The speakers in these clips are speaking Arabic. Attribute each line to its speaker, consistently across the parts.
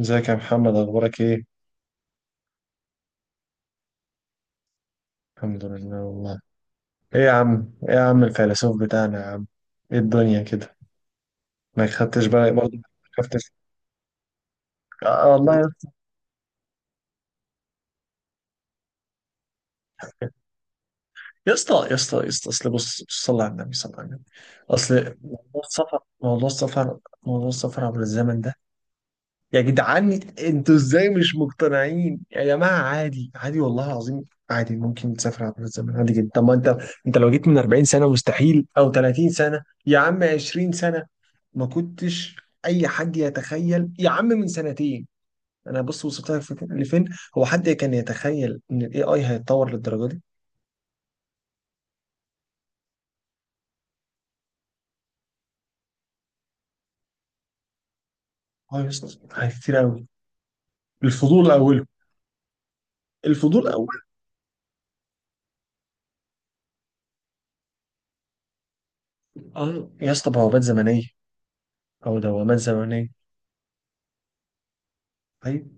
Speaker 1: ازيك يا محمد، اخبارك ايه؟ الحمد لله والله. ايه يا عم الفيلسوف بتاعنا يا عم؟ ايه الدنيا كده؟ ما خدتش بالك برضه، ما خدتش. آه والله يا، يا اسطى يا اسطى يا اسطى، اصل بص بص، صلي على النبي صلى الله عليه وسلم. اصل موضوع السفر عبر الزمن ده، يا جدعان، انتوا ازاي مش مقتنعين يا جماعه؟ عادي، عادي والله العظيم، عادي ممكن تسافر عبر الزمن، عادي جدا. طب ما انت لو جيت من 40 سنه مستحيل، او 30 سنه يا عم، 20 سنه. ما كنتش اي حد يتخيل يا عم، من سنتين انا بص وصلت لك لفين. هو حد كان يتخيل ان الاي اي هيتطور للدرجه دي؟ اه يا اسطى، حاجات كتير قوي. الفضول اوله، الفضول اوله. اه يا اسطى، بوابات زمنيه او دوامات زمنيه. طيب.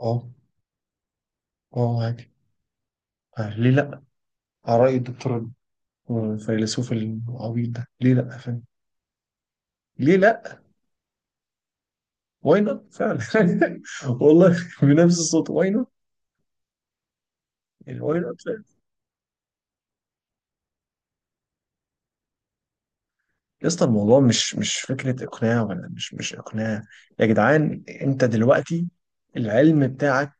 Speaker 1: اه. اه عادي. آه، ليه لا، على رأي الدكتور الفيلسوف العبيط ده. ليه لا، فاهم؟ ليه لا، واي نوت فعلا. والله، بنفس الصوت، واي نوت. واي نوت. يا اسطى، الموضوع مش فكرة إقناع، ولا مش إقناع. يا جدعان، أنت دلوقتي العلم بتاعك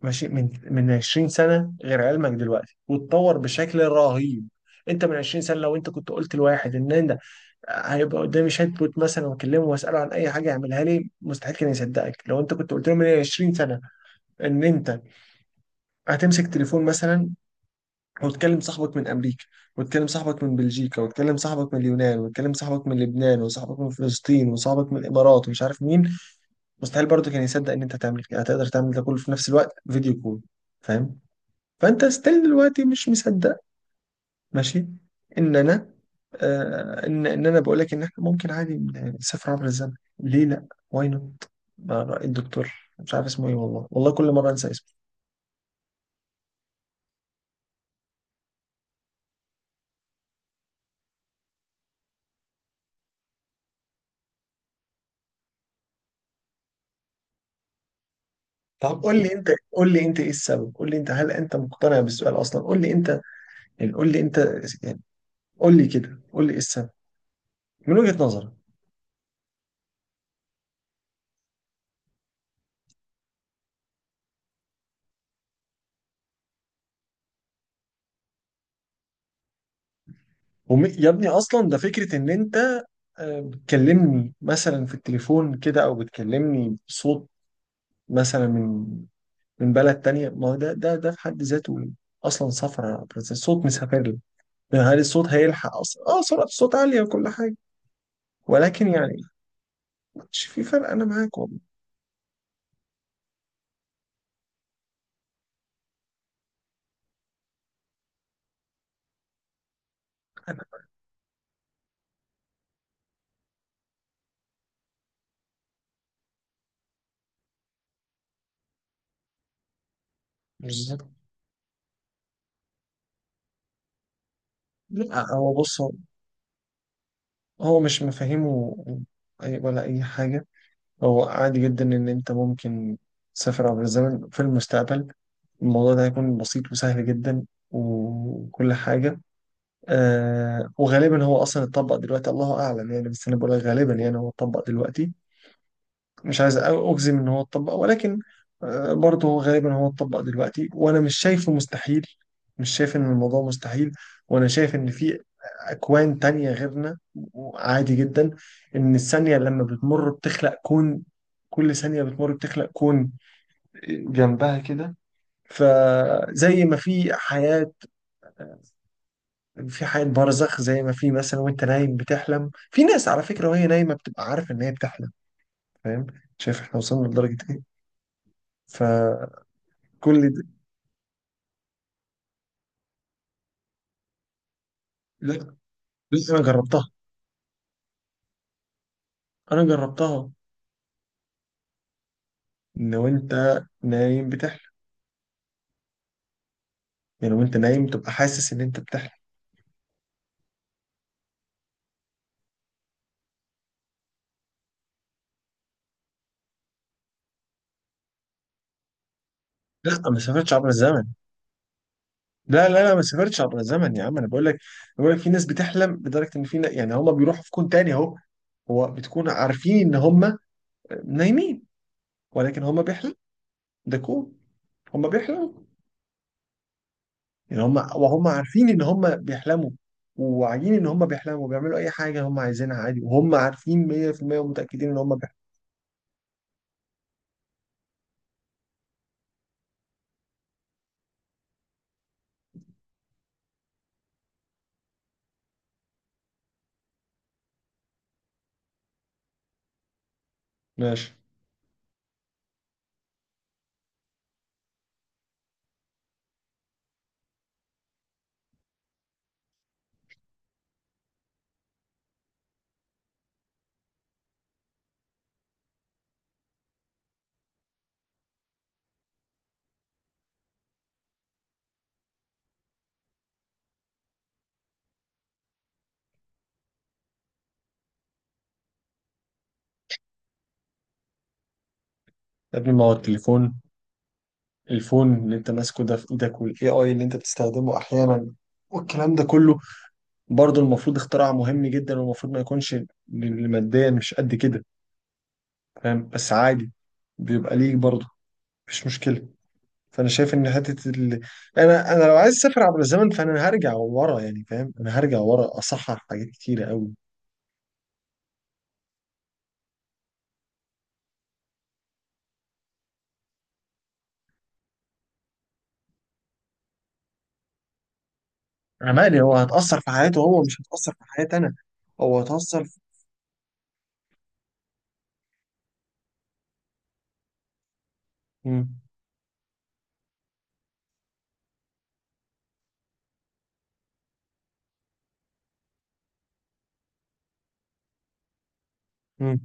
Speaker 1: ماشي من 20 سنة، غير علمك دلوقتي واتطور بشكل رهيب. أنت من 20 سنة لو أنت كنت قلت لواحد إن أنت هيبقى قدامي شات بوت مثلا وأكلمه وأسأله عن أي حاجة يعملها لي، مستحيل كان يصدقك. لو أنت كنت قلت له من 20 سنة إن أنت هتمسك تليفون مثلا وتكلم صاحبك من امريكا، وتكلم صاحبك من بلجيكا، وتكلم صاحبك من اليونان، وتكلم صاحبك من لبنان، وصاحبك من فلسطين، وصاحبك من الامارات، ومش عارف مين. مستحيل برضه كان يصدق ان انت هتعمل كده، هتقدر تعمل ده كله في نفس الوقت، فيديو كول. فاهم؟ فانت ستيل دلوقتي مش مصدق، ماشي، ان انا آه ان ان انا بقول لك ان احنا ممكن عادي نسافر عبر الزمن. ليه لا، واي نوت. الدكتور، مش عارف اسمه ايه والله، والله كل مره انسى اسمه. طب قول لي انت، قول لي انت ايه السبب، قول لي انت، هل انت مقتنع بالسؤال اصلا؟ قول لي انت يعني، قول لي انت يعني، قول لي كده، قول لي ايه السبب من وجهة نظرك. يا ابني، اصلا ده فكرة ان انت، بتكلمني مثلا في التليفون كده، او بتكلمني بصوت مثلا من بلد تانية. ما هو ده في حد ذاته اصلا سفر يا برنس. الصوت مسافر لي، يعني هل الصوت هيلحق اصلا؟ اه سرعة الصوت عالية وكل حاجة. ولكن يعني، مش في فرق، انا معاك والله، انا مش... لا هو بص، هو مش مفاهيمه، ولا اي حاجة. هو عادي جدا إن أنت ممكن تسافر عبر الزمن في المستقبل. الموضوع ده هيكون بسيط وسهل جدا وكل حاجة. وغالبا هو أصلا اتطبق دلوقتي، الله أعلم يعني، بس أنا بقول لك غالبا يعني هو اتطبق دلوقتي. مش عايز اجزم ان هو اتطبق، ولكن برضه هو غالبا هو اتطبق دلوقتي، وانا مش شايفه مستحيل. مش شايف ان الموضوع مستحيل. وانا شايف ان في اكوان تانية غيرنا. عادي جدا ان الثانية لما بتمر بتخلق كون. كل ثانية بتمر بتخلق كون جنبها كده. فزي ما في حياة، في حياة برزخ، زي ما في مثلا وانت نايم بتحلم في ناس، على فكرة وهي نايمة بتبقى عارفة ان هي بتحلم. فاهم؟ شايف احنا وصلنا لدرجة ايه؟ فكل... لا، بس انا جربتها. انا جربتها. ان وانت نايم بتحلم، يعني وانت نايم تبقى حاسس ان انت بتحلم. لا، ما سافرتش عبر الزمن. لا لا لا، ما سافرتش عبر الزمن يا عم، انا بقول لك. بقول لك في ناس بتحلم لدرجه ان في يعني هم بيروحوا في كون تاني اهو. هو بتكون عارفين ان هم نايمين، ولكن هم بيحلموا. ده كون. هم بيحلموا. يعني هم وهم عارفين ان هم بيحلموا، وواعيين ان هم بيحلموا، بيعملوا اي حاجه هم عايزينها عادي، وهم عارفين 100% ومتاكدين ان هم بيحلموا. ماشي. يا ابني، ما هو التليفون، الفون اللي انت ماسكه ده في ايدك، والاي اي اللي انت بتستخدمه احيانا والكلام ده كله، برضه المفروض اختراع مهم جدا، والمفروض ما يكونش اللي ماديا مش قد كده. فاهم؟ بس عادي، بيبقى ليك برضه، مفيش مشكلة. فانا شايف ان حتة ال... انا لو عايز اسافر عبر الزمن، فانا هرجع ورا يعني، فاهم؟ انا هرجع ورا اصحح حاجات كتيرة قوي. انا مالي، هو هتأثر في حياته هو، مش هتأثر في حياتي انا. هو هتأثر في... مم. مم.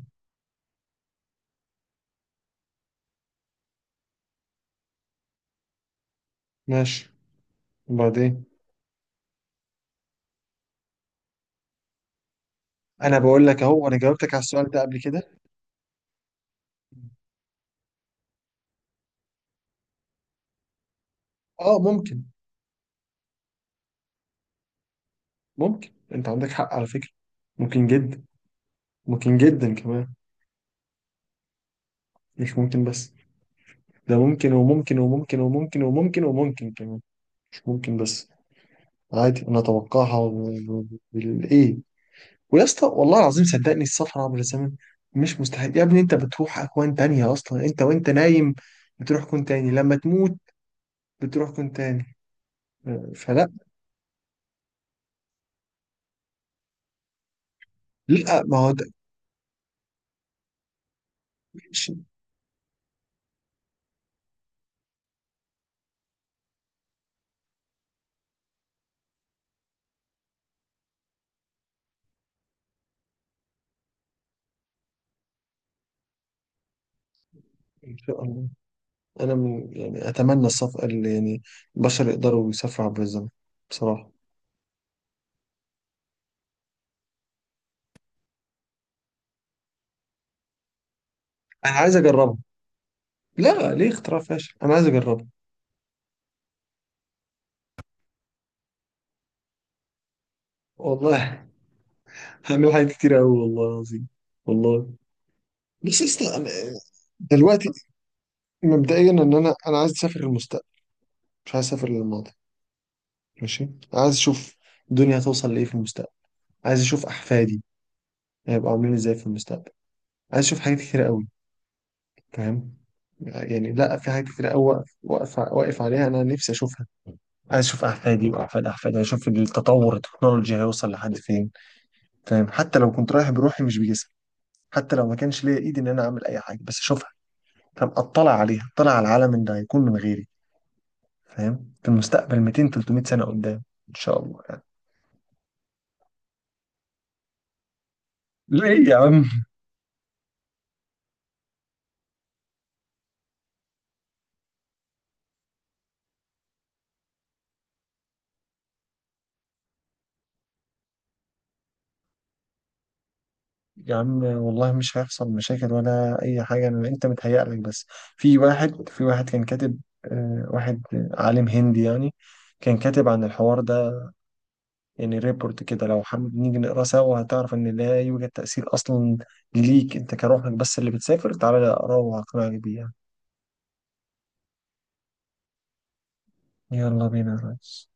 Speaker 1: ماشي، وبعدين؟ انا بقول لك اهو، انا جاوبتك على السؤال ده قبل كده. اه ممكن. ممكن، انت عندك حق على فكرة. ممكن جدا، ممكن جدا كمان، مش ممكن بس. ده ممكن وممكن وممكن وممكن وممكن وممكن كمان، مش ممكن بس. عادي انا اتوقعها. بالايه؟ ويا اسطى، والله العظيم صدقني، السفر عبر الزمن مش مستحيل يا ابني. انت بتروح اكوان تانية اصلا انت وانت نايم. بتروح كون تاني لما تموت. بتروح كون تاني. آه، فلا. لا، ما هو ده، ماشي. ان شاء الله. انا من يعني اتمنى السفر اللي يعني البشر يقدروا يسافروا عبر الزمن، بصراحه. انا عايز اجربها. لا، ليه اختراع فاشل؟ انا عايز اجربها. والله. هعمل حاجات كتير قوي والله العظيم، والله. بس لسه أنا دلوقتي، مبدئيا ان انا عايز اسافر للمستقبل، مش عايز اسافر للماضي. ماشي. أنا عايز اشوف الدنيا هتوصل لايه في المستقبل. عايز اشوف احفادي هيبقوا عاملين ازاي في المستقبل. عايز اشوف حاجات كتير قوي، فاهم؟ يعني لا، في حاجات كتير قوي واقف واقف واقف عليها، انا نفسي اشوفها. عايز اشوف احفادي واحفاد احفادي، اشوف التطور التكنولوجي هيوصل لحد فين. فاهم؟ حتى لو كنت رايح بروحي مش بجسم، حتى لو ما كانش ليا ايدي ان انا اعمل اي حاجه، بس اشوفها. فاهم؟ اطلع عليها، اطلع على العالم اللي هيكون من غيري. فاهم؟ في المستقبل 200 300 سنه قدام، ان شاء الله يعني. ليه يا عم؟ يا عم والله مش هيحصل مشاكل ولا اي حاجه، انا انت متهيأ لك بس. في واحد، في واحد كان كاتب، واحد عالم هندي يعني، كان كاتب عن الحوار ده، يعني ريبورت كده. لو حابب نيجي نقراه سوا، هتعرف ان لا يوجد تأثير اصلا ليك انت، كروحك بس اللي بتسافر. تعالى اقراه وهقنعك بيه يعني. يلا بينا يا ريس.